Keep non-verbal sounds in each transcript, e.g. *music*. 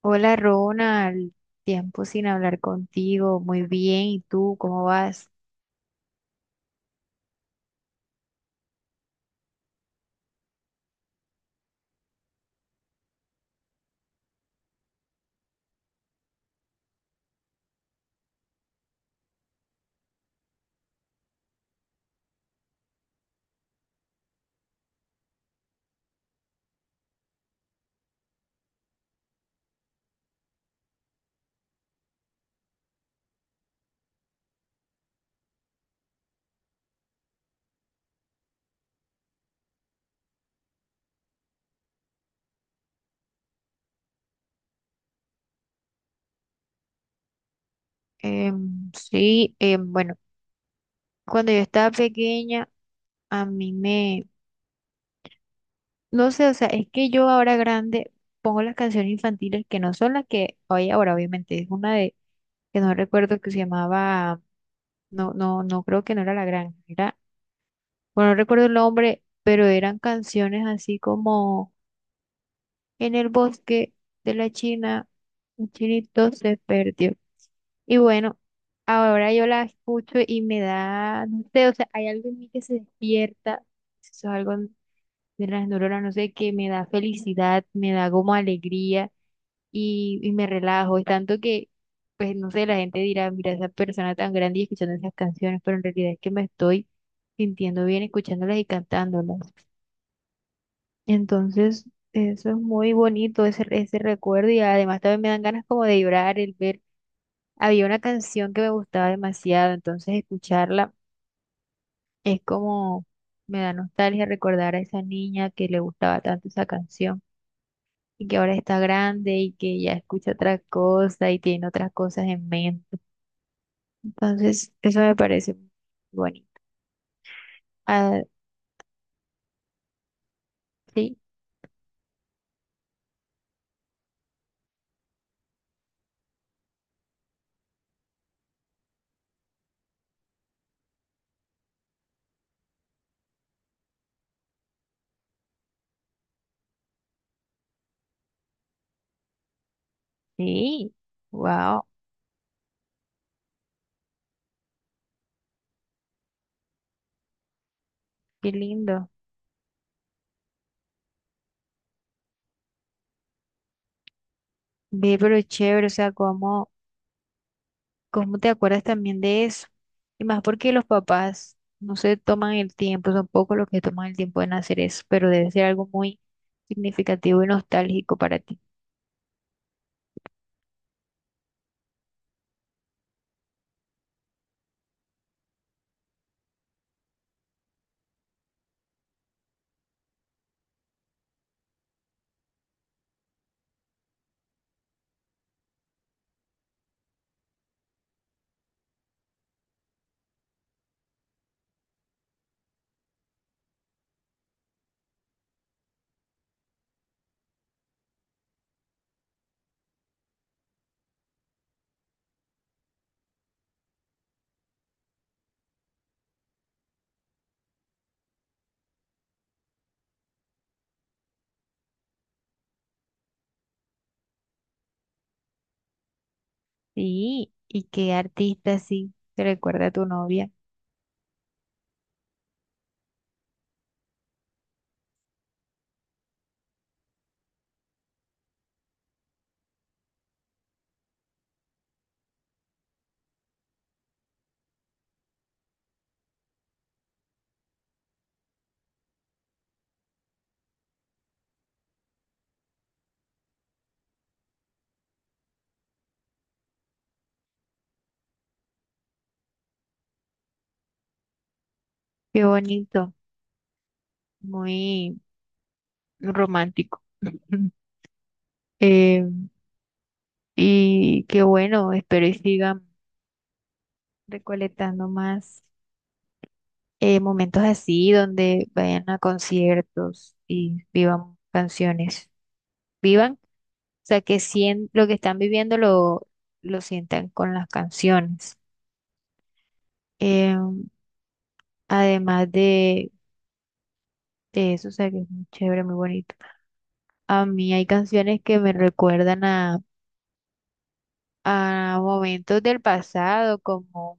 Hola Ronald, tiempo sin hablar contigo, muy bien, ¿y tú cómo vas? Sí, bueno, cuando yo estaba pequeña, a mí me, no sé, o sea, es que yo ahora grande pongo las canciones infantiles que no son las que hoy ahora, obviamente, que no recuerdo que se llamaba, no, no, no creo que no era La Granja, era, bueno, no recuerdo el nombre, pero eran canciones así como en el bosque de la China, el chinito se perdió. Y bueno, ahora yo la escucho y me da, no sé, o sea, hay algo en mí que se despierta, eso es algo de las neuronas, no sé, que me da felicidad, me da como alegría y me relajo, es tanto que, pues no sé, la gente dirá, mira, esa persona tan grande y escuchando esas canciones, pero en realidad es que me estoy sintiendo bien escuchándolas y cantándolas. Entonces, eso es muy bonito, ese recuerdo, y además también me dan ganas como de llorar, el ver, había una canción que me gustaba demasiado, entonces escucharla es como, me da nostalgia recordar a esa niña que le gustaba tanto esa canción y que ahora está grande y que ya escucha otras cosas y tiene otras cosas en mente. Entonces, eso me parece bonito. Ah, sí, sí, wow, qué lindo. Ve, pero chévere, o sea, como... ¿Cómo te acuerdas también de eso? Y más porque los papás no se toman el tiempo, son pocos los que toman el tiempo en hacer eso, pero debe ser algo muy significativo y nostálgico para ti. Sí, ¿y qué artista así te recuerda a tu novia? Qué bonito, muy romántico. *laughs* Eh, y qué bueno, espero y sigan recolectando más momentos así donde vayan a conciertos y vivan canciones. Vivan O sea, que lo que están viviendo lo sientan con las canciones. Eh, además de eso, o sea, que es muy chévere, muy bonito. A mí hay canciones que me recuerdan a momentos del pasado, como...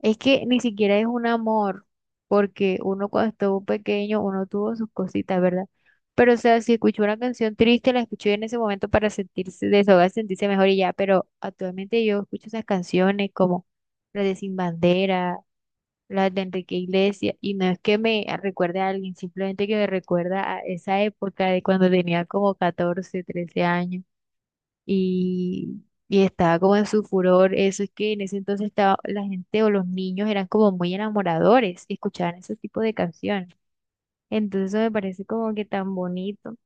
Es que ni siquiera es un amor, porque uno cuando estuvo pequeño, uno tuvo sus cositas, ¿verdad? Pero, o sea, si escuchó una canción triste, la escuchó en ese momento para sentirse, desahogar, sentirse mejor y ya, pero actualmente yo escucho esas canciones como las de Sin Bandera, las de Enrique Iglesias, y no es que me recuerde a alguien, simplemente que me recuerda a esa época de cuando tenía como 14 13 años y, y estaba como en su furor. Eso es que en ese entonces estaba, la gente o los niños eran como muy enamoradores y escuchaban ese tipo de canciones. Entonces eso me parece como que tan bonito.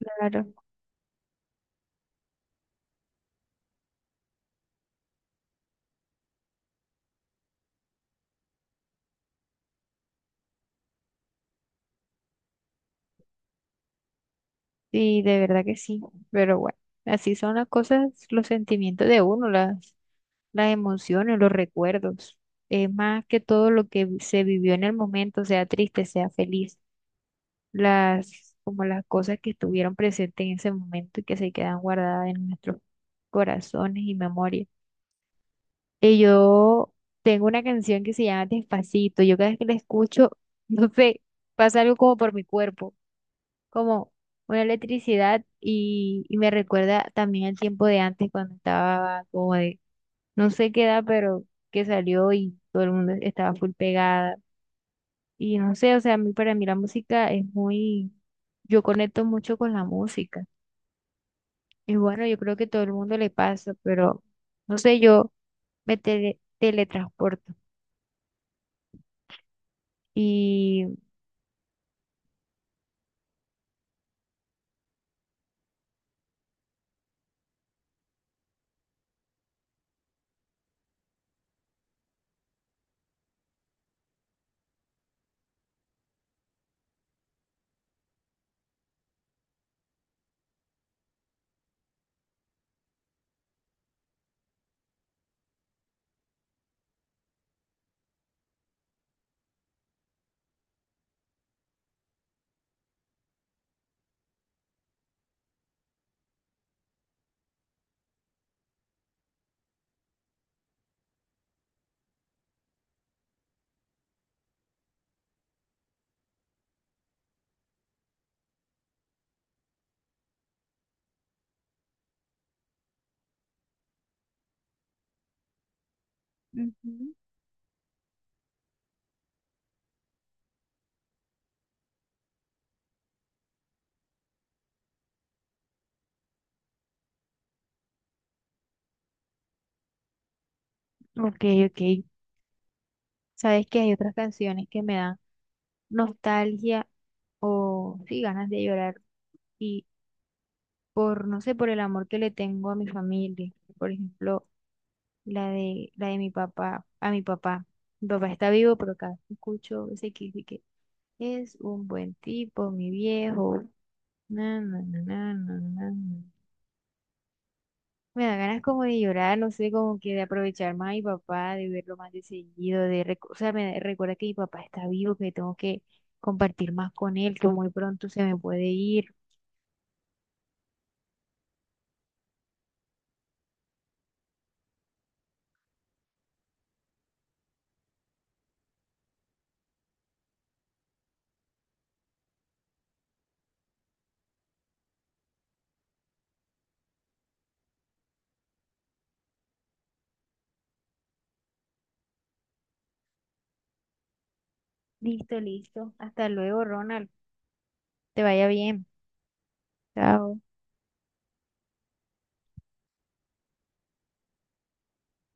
Claro. Sí, de verdad que sí. Pero bueno, así son las cosas, los sentimientos de uno, las emociones, los recuerdos. Es más que todo lo que se vivió en el momento, sea triste, sea feliz. Las, como las cosas que estuvieron presentes en ese momento y que se quedan guardadas en nuestros corazones y memoria. Y yo tengo una canción que se llama Despacito. Yo cada vez que la escucho, *laughs* no sé, pasa algo como por mi cuerpo, como una electricidad y me recuerda también al tiempo de antes cuando estaba como de, no sé qué edad, pero que salió y todo el mundo estaba full pegada. Y no sé, o sea, a mí, para mí la música es muy... yo conecto mucho con la música. Y bueno, yo creo que todo el mundo le pasa, pero no sé, yo me teletransporto. Y... Ujú. Ok, ok, sabes que hay otras canciones que me dan nostalgia o sí, ganas de llorar. Y por, no sé, por el amor que le tengo a mi familia. Por ejemplo, la de mi papá, a mi papá. Mi papá está vivo, pero cada vez que escucho ese que... Es un buen tipo, mi viejo. Na, na, na, na, na, na, na. Me da ganas como de llorar, no sé, como que de aprovechar más a mi papá, de verlo más de seguido, de o sea, me recuerda que mi papá está vivo, que tengo que compartir más con él, que muy pronto se me puede ir. Listo, listo. Hasta luego, Ronald. Te vaya bien. Chao.